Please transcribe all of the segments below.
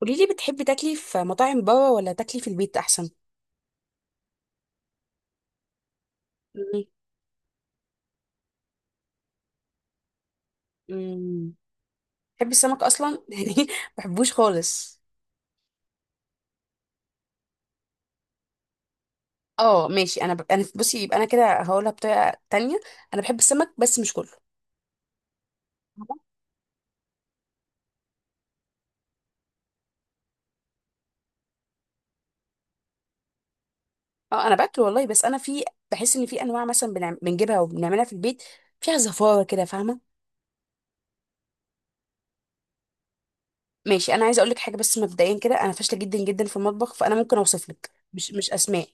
قولي لي، بتحبي تاكلي في مطاعم بره ولا تاكلي في البيت احسن؟ مم. مم. بتحبي السمك اصلا يعني ما بحبوش خالص. اه ماشي، انا بصي، يبقى انا كده هقولها بطريقه تانية. انا بحب السمك بس مش كله. اه انا باكله والله، بس انا في بحس ان في انواع، مثلا بنجيبها وبنعملها في البيت، فيها زفاره كده، فاهمه. ماشي، انا عايزه اقول لك حاجه، بس مبدئيا كده انا فاشله جدا جدا في المطبخ، فانا ممكن اوصف لك مش اسماء.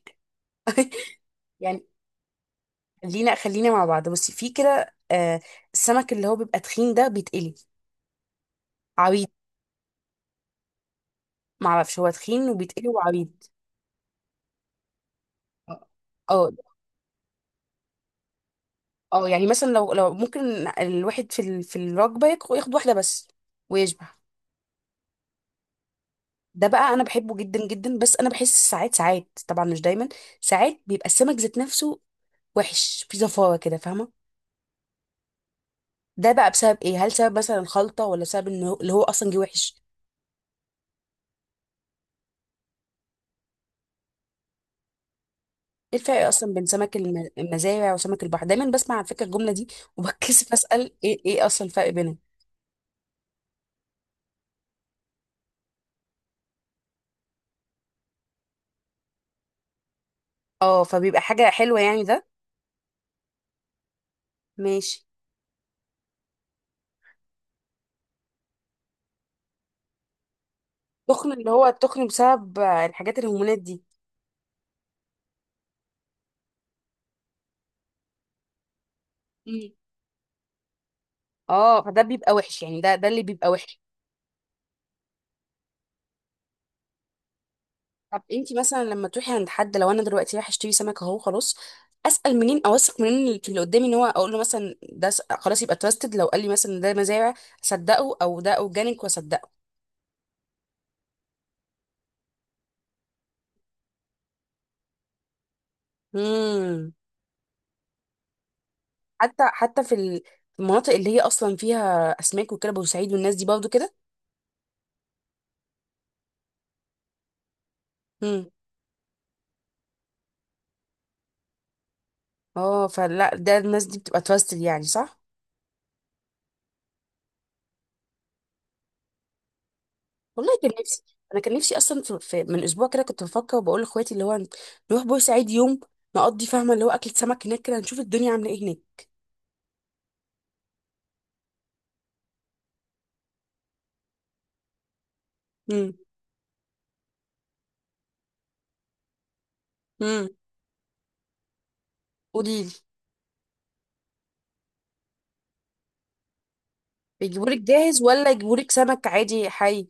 يعني خلينا مع بعض. بصي، في كده السمك اللي هو بيبقى تخين ده بيتقلي، عويد. معرفش هو تخين وبيتقلي وعويد. آه. اه اه، يعني مثلا لو ممكن الواحد في الوجبه ياخد واحده بس ويشبع. ده بقى انا بحبه جدا جدا، بس انا بحس ساعات، ساعات طبعا مش دايما، ساعات بيبقى السمك ذات نفسه وحش، في زفاره كده، فاهمه. ده بقى بسبب ايه؟ هل سبب مثلا الخلطه، ولا سبب انه اللي هو اصلا جه وحش؟ ايه الفرق اصلا بين سمك المزارع وسمك البحر؟ دايما بسمع على فكره الجمله دي وبتكسف اسال، ايه اصلا الفرق بينهم؟ اه، فبيبقى حاجه حلوه يعني ده. ماشي. تخن، اللي هو التخن بسبب الحاجات الهرمونات دي. مم. اه، فده بيبقى وحش يعني، ده اللي بيبقى وحش. طب انتي مثلا لما تروحي عند حد، لو انا دلوقتي رايحه اشتري سمك اهو خلاص، اسال منين؟ اوثق منين اللي في اللي قدامي، ان هو اقول له مثلا ده خلاص يبقى تراستد، لو قال لي مثلا ده مزارع اصدقه، او ده اورجانيك واصدقه؟ امم. حتى في المناطق اللي هي اصلا فيها اسماك وكده، بورسعيد والناس دي برضو كده. امم. اه، فلا، ده الناس دي بتبقى توستد يعني، صح. والله كان نفسي، انا كان نفسي اصلا، من اسبوع كده كنت بفكر وبقول لاخواتي اللي هو نروح بورسعيد يوم نقضي، فاهمه، اللي هو اكل سمك هناك كده، نشوف الدنيا عامله ايه هناك. امم. امم. قولي لي. بيجيبولك جاهز ولا يجيبولك سمك عادي حي؟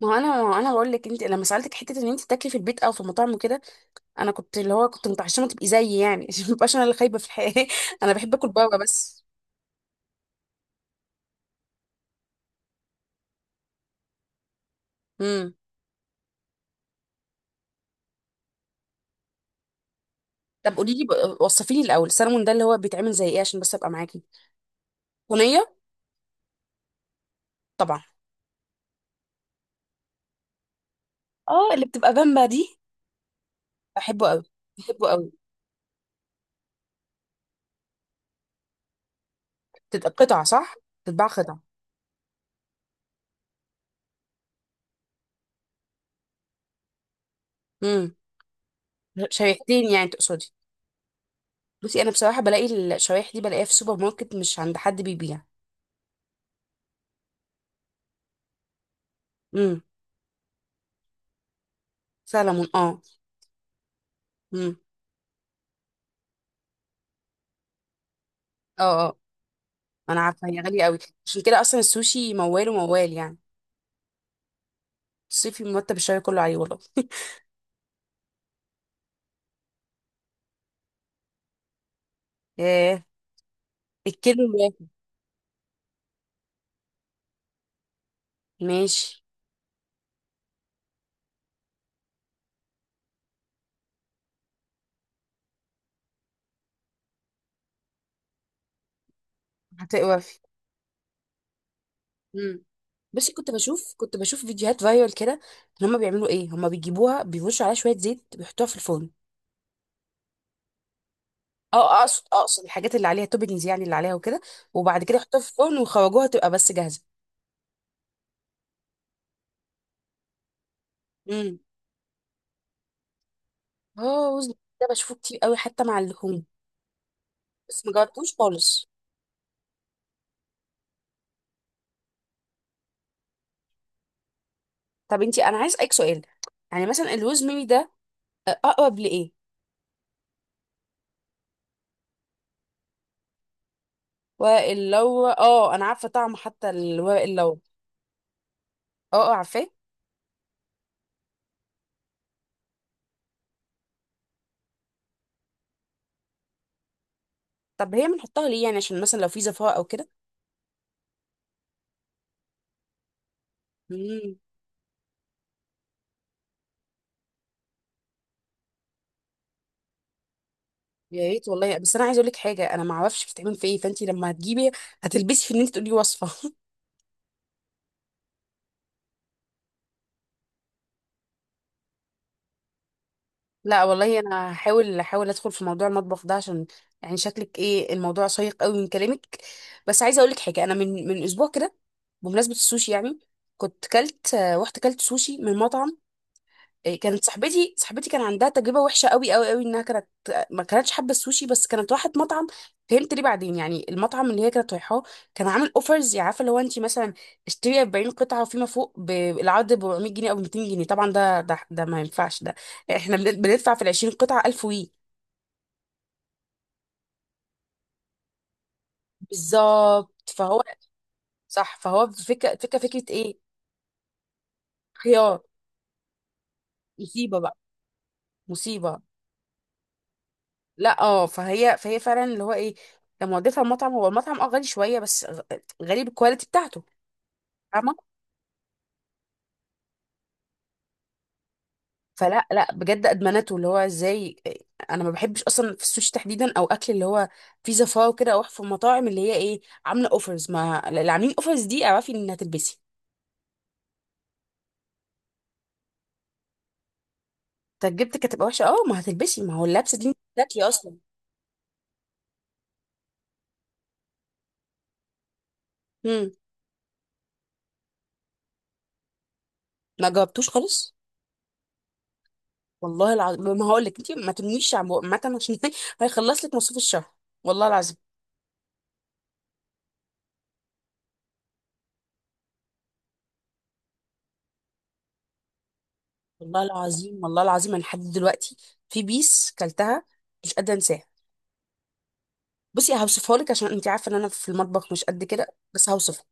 ما هو انا بقول لك، انت لما سالتك حته ان انت تاكلي في البيت او في مطاعم وكده، انا كنت اللي هو كنت متعشمه تبقي زيي يعني عشان ما ابقاش انا اللي خايبه في الحياه. انا بحب اكل بره بس. امم. طب قولي لي، وصفي لي الاول السلمون ده اللي هو بيتعمل زي ايه، عشان بس ابقى معاكي. صينيه. طبعا. اه، اللي بتبقى بامبا دي، بحبه قوي. بحبه قوي. بتبقى قطع صح. بتتباع قطع. امم. شريحتين يعني تقصدي. بصي انا بصراحه بلاقي الشرايح دي، بلاقيها في سوبر ماركت، مش عند حد بيبيع. امم. سلمون اه. امم. اه اه، انا عارفه هي غاليه قوي، عشان كده اصلا السوشي موال وموال يعني. صيفي مرتب الشهر كله عليه والله. ايه، الكيلو الواحد؟ ماشي. هتوقفي. مم. بس كنت بشوف فيديوهات فايرال كده، إن هما بيعملوا ايه، هما بيجيبوها بيرشوا عليها شويه زيت، بيحطوها في الفرن. اه اقصد الحاجات اللي عليها توبنجز يعني، اللي عليها وكده، وبعد كده يحطوها في الفرن ويخرجوها تبقى بس جاهزه. امم. اه وزن، ده بشوفه كتير قوي حتى مع اللحوم، بس ما جربتوش خالص. طب انتي، انا عايز اسالك سؤال، يعني مثلا الروز ميري ده اقرب لايه؟ ورق اللورا اه، انا عارفه طعمه، حتى الورق اللورا. اه اه عارفاه. طب هي بنحطها ليه يعني، عشان مثلا لو في زفاة او كده؟ امم. يا ريت والله. بس انا عايزه اقول لك حاجه، انا ما اعرفش بتتعمل في ايه، فانت لما هتجيبي هتلبسي في ان انت تقولي وصفه. لا والله، انا هحاول ادخل في موضوع المطبخ ده، عشان يعني شكلك، ايه الموضوع شيق قوي من كلامك. بس عايزه اقول لك حاجه، انا من اسبوع كده، بمناسبه السوشي يعني، كنت كلت رحت كلت سوشي من مطعم. كانت صاحبتي، كان عندها تجربه وحشه قوي قوي قوي، انها كانت ما كانتش حابه السوشي، بس كانت راحت مطعم، فهمت ليه بعدين. يعني المطعم اللي هي كانت رايحاه كان عامل اوفرز، عارفه، لو انت مثلا اشتري 40 قطعه وفيما فوق بالعرض ب 400 جنيه او 200 جنيه، طبعا ده ما ينفعش ده، احنا بندفع في ال 20 قطعه 1000 وي. بالظبط. صح، فهو فكره فكره ايه. خيار. مصيبه بقى. مصيبه. لا اه، فهي فعلا اللي هو ايه، لما وديتها المطعم، هو المطعم اه غالي شويه، بس غالي بالكواليتي بتاعته، فاهمه. فلا لا، بجد ادمنته، اللي هو ازاي، انا ما بحبش اصلا في السوشي تحديدا، او اكل اللي هو في زفاه وكده، او في المطاعم اللي هي ايه عامله اوفرز، ما اللي عاملين اوفرز دي اعرفي ان هتلبسي، تجربتك هتبقى وحشه. اه، ما هتلبسي، ما هو اللبسه دي بتاكلي اصلا. امم. ما جاوبتوش خالص. والله العظيم ما هقول لك انت ما تمنيش عامه، عشان هيخلص لك مصروف الشهر. والله العظيم. والله العظيم. والله العظيم انا لحد دلوقتي في بيس كلتها مش قادره انساها. بصي هوصفها لك، عشان انت عارفه ان انا في المطبخ مش قد كده. بس هوصفها.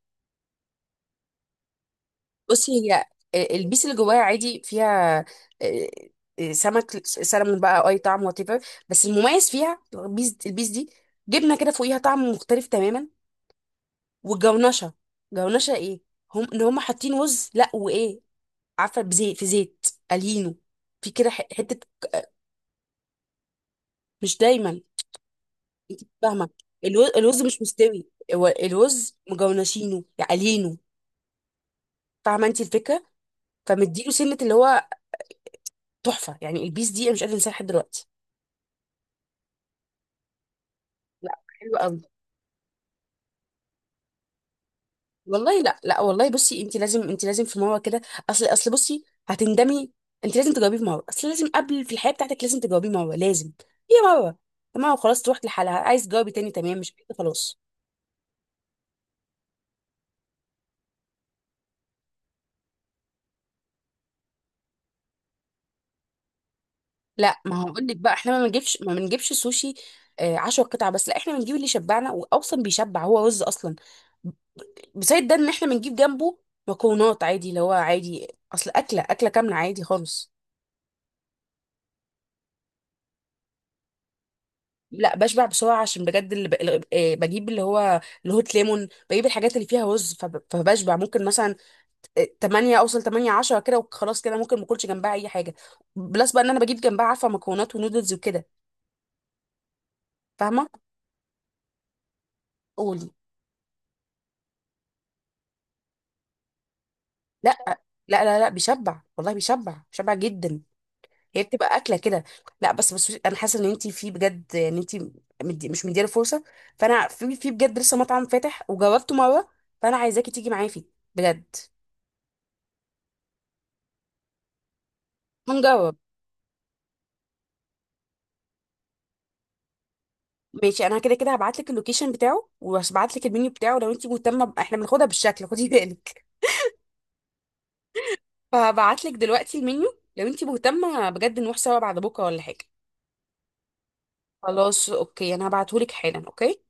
بصي هي البيس اللي جواها عادي، فيها آه، سمك سلمون بقى، أو اي طعم وات ايفر، بس المميز فيها البيس، دي جبنه كده فوقيها، طعم مختلف تماما، والجونشه. جونشه ايه؟ هم ان هم حاطين رز، لا وايه، عارفه، بزيت، في زيت قلينه، في كده حته. مش دايما. انت فاهمه، الرز مش مستوي، هو الرز مجونشينه، قليينه. فاهمه انت الفكره. فمديله سنه، اللي هو تحفه يعني، البيس دي انا مش قادره انساها لحد دلوقتي. لا. حلو قوي. والله لا لا والله، بصي انت لازم في مره كده، اصل بصي هتندمي، انت لازم تجاوبيه في مره، اصل لازم، قبل في الحياه بتاعتك لازم تجاوبيه مره، لازم. هي مره، تمام خلاص تروح لحالها، عايز تجاوبي تاني تمام، مش عايزة خلاص. لا، ما هو اقول لك بقى، احنا ما بنجيبش سوشي. آه، عشرة قطع بس. لا، احنا بنجيب اللي يشبعنا، واصلا بيشبع، هو رز اصلا، بزائد ده ان احنا بنجيب جنبه مكرونات عادي، اللي هو عادي، اصل اكله كامله عادي خالص. لا بشبع بسرعه، عشان بجد، اللي ب... اللي- آه، بجيب اللي هو الهوت ليمون، بجيب الحاجات اللي فيها رز، فبشبع ممكن مثلا آه، 8 اوصل 8 10 كده، وخلاص كده ممكن ما اكلش جنبها اي حاجه، بلس بقى ان انا بجيب جنبها، عارفه، مكرونات ونودلز وكده، فاهمه. قولي. لا لا لا لا، بيشبع والله، بيشبع جدا، هي بتبقى اكله كده. لا، بس انا حاسه ان انت في بجد ان انت مش مديله فرصه، فانا في بجد، لسه مطعم فاتح وجربته مره، فانا عايزاكي تيجي معايا فيه، بجد. هنجرب. ماشي، انا كده كده هبعت لك اللوكيشن بتاعه، وهبعت لك المنيو بتاعه، لو انت مهتمه احنا بناخدها بالشكل خدي بالك. فهبعت لك دلوقتي المنيو، لو انت مهتمه بجد نروح سوا بعد بكره ولا حاجه. خلاص اوكي، انا هبعته لك حالا. اوكي.